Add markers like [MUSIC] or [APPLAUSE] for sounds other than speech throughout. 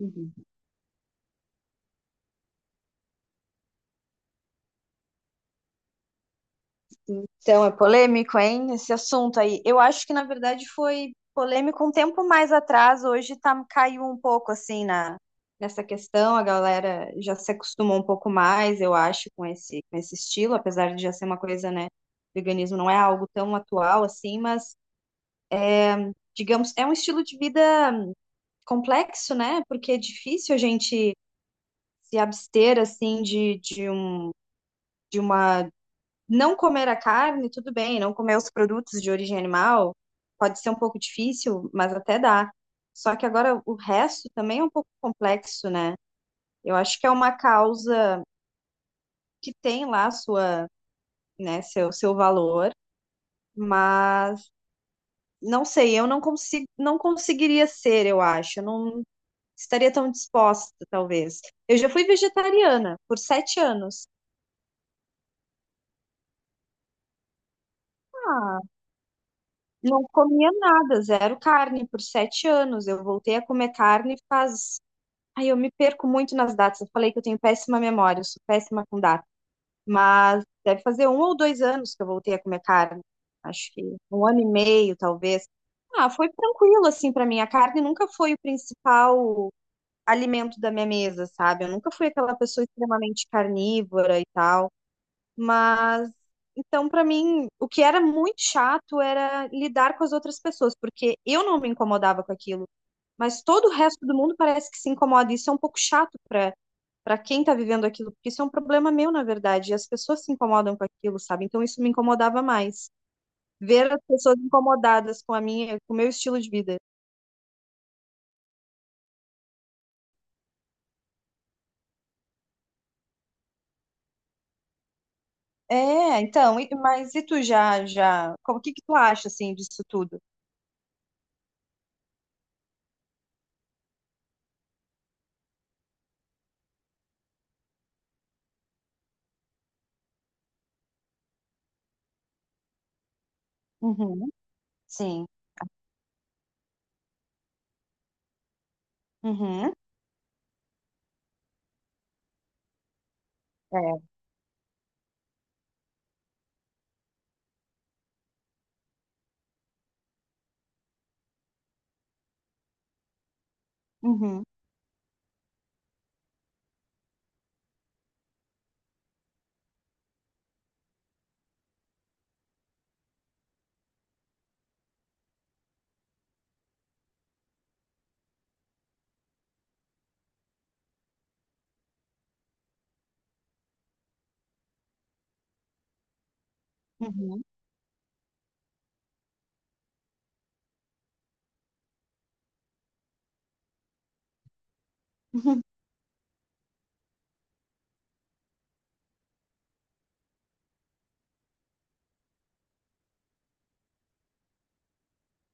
Uhum. Então, é polêmico, hein? Esse assunto aí. Eu acho que, na verdade, foi polêmico um tempo mais atrás. Hoje tá, caiu um pouco, assim, nessa questão. A galera já se acostumou um pouco mais, eu acho, com esse estilo. Apesar de já ser uma coisa, né? Veganismo não é algo tão atual, assim, mas, digamos, é um estilo de vida complexo, né? Porque é difícil a gente se abster, assim, de um de uma não comer a carne, tudo bem, não comer os produtos de origem animal pode ser um pouco difícil, mas até dá. Só que agora o resto também é um pouco complexo, né? Eu acho que é uma causa que tem lá né, seu valor, mas não sei, eu não consigo, não conseguiria ser, eu acho, eu não estaria tão disposta, talvez. Eu já fui vegetariana por 7 anos. Ah, não comia nada, zero carne por 7 anos. Eu voltei a comer carne faz. Aí eu me perco muito nas datas. Eu falei que eu tenho péssima memória, eu sou péssima com data. Mas deve fazer um ou 2 anos que eu voltei a comer carne. Acho que um ano e meio, talvez. Ah, foi tranquilo, assim, para mim. A carne nunca foi o principal alimento da minha mesa, sabe? Eu nunca fui aquela pessoa extremamente carnívora e tal. Mas então, para mim, o que era muito chato era lidar com as outras pessoas, porque eu não me incomodava com aquilo, mas todo o resto do mundo parece que se incomoda. Isso é um pouco chato para quem tá vivendo aquilo, porque isso é um problema meu, na verdade, e as pessoas se incomodam com aquilo, sabe? Então, isso me incomodava mais. Ver as pessoas incomodadas com a minha, com o meu estilo de vida. É, então, mas e tu já, como, o que que tu acha, assim, disso tudo? Uhum, sim. Uhum, é. Uhum, uhum. [LAUGHS]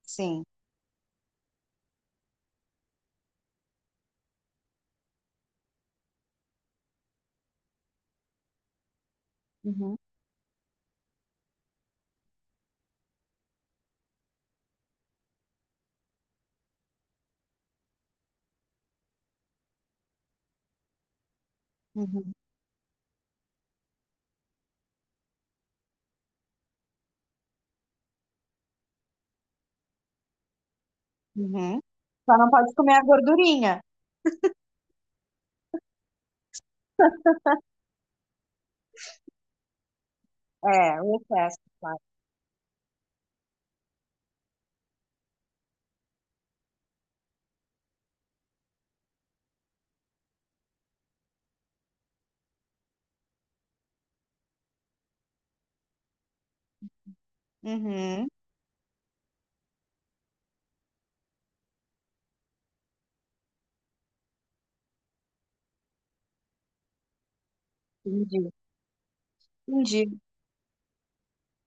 Sim. Uhum, uhum, uhum. Só não pode comer a gordurinha. É, o excesso, claro. Uhum, entendi, entendi.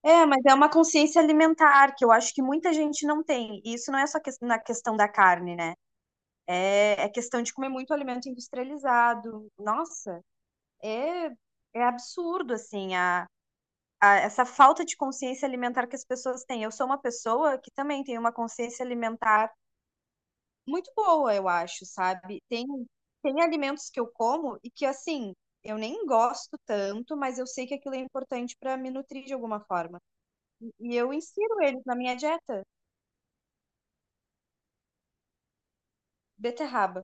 É, mas é uma consciência alimentar que eu acho que muita gente não tem. E isso não é só na questão da carne, né? É questão de comer muito alimento industrializado. Nossa, é, é absurdo, assim, essa falta de consciência alimentar que as pessoas têm. Eu sou uma pessoa que também tem uma consciência alimentar muito boa, eu acho, sabe? Tem alimentos que eu como e que, assim, eu nem gosto tanto, mas eu sei que aquilo é importante para me nutrir de alguma forma. E eu insiro eles na minha dieta. Beterraba.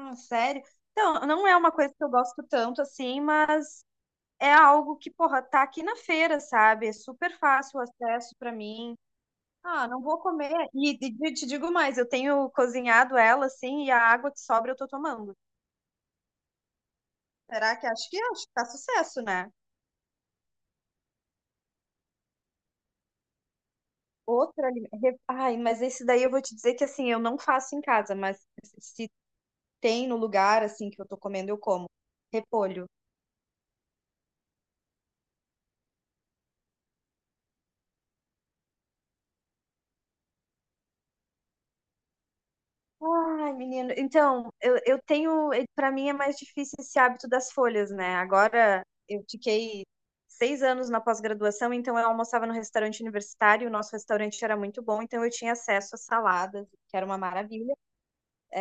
Ah, sério? Então, não é uma coisa que eu gosto tanto assim, mas é algo que, porra, tá aqui na feira, sabe? É super fácil o acesso para mim. Ah, não vou comer. E te digo mais, eu tenho cozinhado ela assim e a água que sobra eu tô tomando. Será que acho que tá sucesso, né? Outra. Ai, mas esse daí eu vou te dizer que assim, eu não faço em casa, mas se tem no lugar assim que eu tô comendo, eu como. Repolho. Ai, menino. Então, eu tenho. Pra mim é mais difícil esse hábito das folhas, né? Agora eu fiquei 6 anos na pós-graduação, então eu almoçava no restaurante universitário, o nosso restaurante era muito bom, então eu tinha acesso a saladas, que era uma maravilha.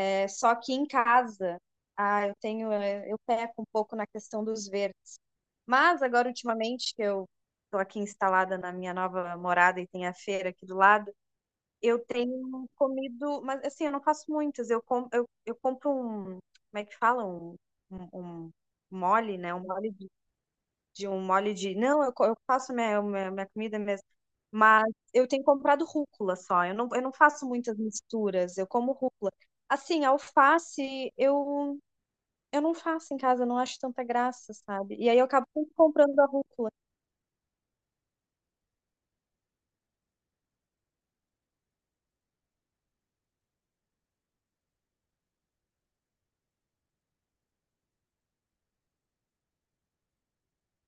É, só que em casa, ah, eu tenho, é, eu peco um pouco na questão dos verdes. Mas agora, ultimamente, que eu estou aqui instalada na minha nova morada e tem a feira aqui do lado, eu tenho comido, mas assim, eu não faço muitas. Eu compro um, como é que fala? Um, um mole, né? Um mole de um molho de. Não, eu faço minha, minha, minha comida mesmo. Mas eu tenho comprado rúcula só. Eu não faço muitas misturas, eu como rúcula. Assim, alface eu não faço em casa, eu não acho tanta graça, sabe? E aí eu acabo sempre comprando a rúcula.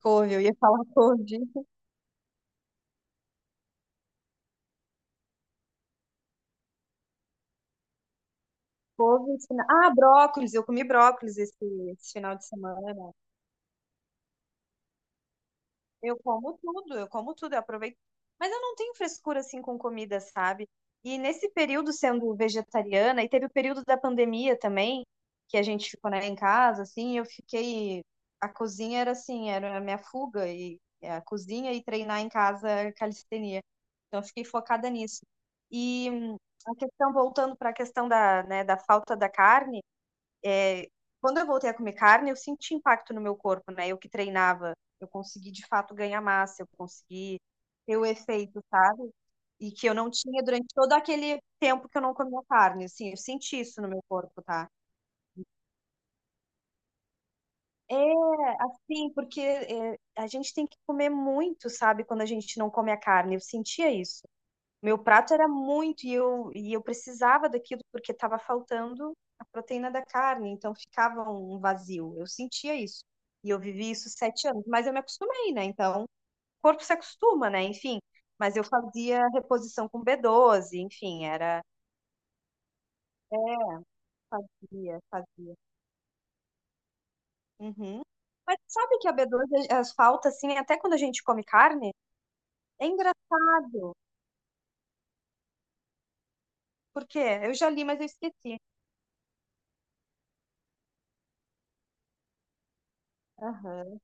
Couve, eu ia falar [LAUGHS] couve. Couve, Ah, brócolis, eu comi brócolis esse final de semana. Eu como tudo, eu como tudo, eu aproveito. Mas eu não tenho frescura assim com comida, sabe? E nesse período sendo vegetariana, e teve o período da pandemia também, que a gente ficou, né, em casa, assim, eu fiquei. A cozinha era assim, era a minha fuga, e é a cozinha e treinar em casa é calistenia. Então eu fiquei focada nisso. E a questão, voltando para a questão da, né, da falta da carne é, quando eu voltei a comer carne, eu senti impacto no meu corpo, né? Eu que treinava, eu consegui de fato ganhar massa, eu consegui ter o efeito, sabe? E que eu não tinha durante todo aquele tempo que eu não comia carne, assim, eu senti isso no meu corpo, tá? É, assim, porque é, a gente tem que comer muito, sabe? Quando a gente não come a carne, eu sentia isso. Meu prato era muito e eu precisava daquilo porque estava faltando a proteína da carne, então ficava um vazio. Eu sentia isso. E eu vivi isso 7 anos, mas eu me acostumei, né? Então, o corpo se acostuma, né? Enfim, mas eu fazia reposição com B12 enfim, era. É, fazia, fazia. Uhum. Mas sabe que a B12 as falta, assim, até quando a gente come carne? É engraçado. Por quê? Eu já li, mas eu esqueci. Aham.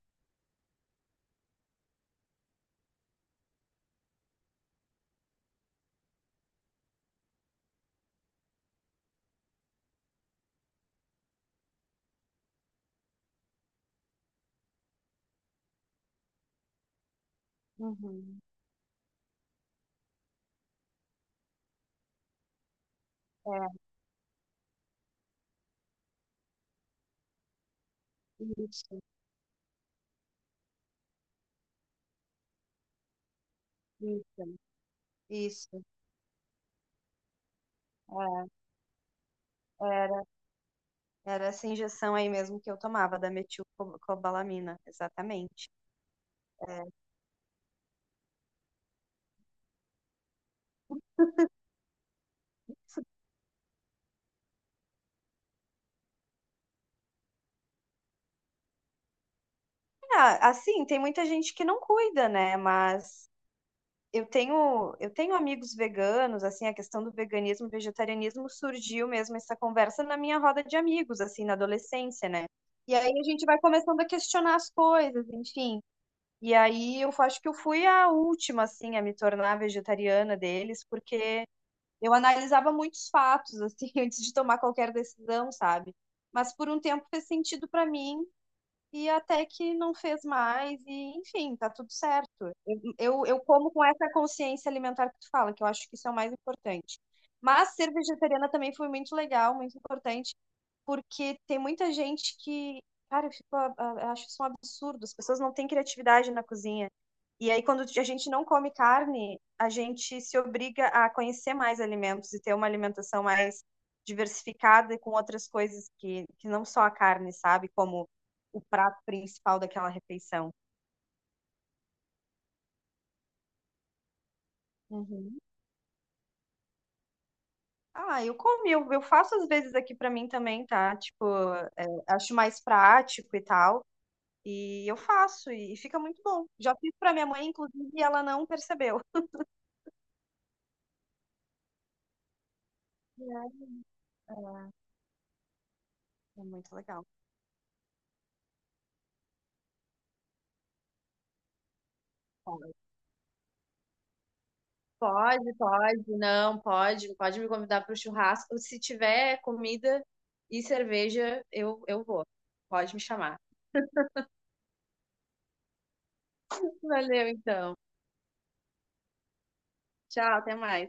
Uhum. É, isso, isso. Isso, é, era, era essa injeção aí mesmo que eu tomava, da metilcobalamina, exatamente. É. Ah, assim, tem muita gente que não cuida, né? Mas eu tenho amigos veganos, assim, a questão do veganismo, vegetarianismo surgiu mesmo essa conversa na minha roda de amigos, assim, na adolescência, né? E aí a gente vai começando a questionar as coisas, enfim. E aí eu acho que eu fui a última, assim, a me tornar vegetariana deles, porque eu analisava muitos fatos, assim, [LAUGHS] antes de tomar qualquer decisão, sabe? Mas por um tempo fez sentido para mim e até que não fez mais, e enfim, tá tudo certo. Eu como com essa consciência alimentar que tu fala, que eu acho que isso é o mais importante. Mas ser vegetariana também foi muito legal, muito importante, porque tem muita gente que, cara, eu, fico, a- eu acho isso um absurdo, as pessoas não têm criatividade na cozinha. E aí, quando a gente não come carne, a gente se obriga a conhecer mais alimentos e ter uma alimentação mais diversificada e com outras coisas que não só a carne, sabe? Como o prato principal daquela refeição. Uhum. Ah, eu comi, eu faço às vezes aqui pra mim também, tá? Tipo, é, acho mais prático e tal. E eu faço, e fica muito bom. Já fiz pra minha mãe, inclusive, e ela não percebeu. É é, é muito legal. Pode, pode, pode, não, pode, pode me convidar para o churrasco. Se tiver comida e cerveja, eu vou. Pode me chamar. Valeu, então. Tchau, até mais.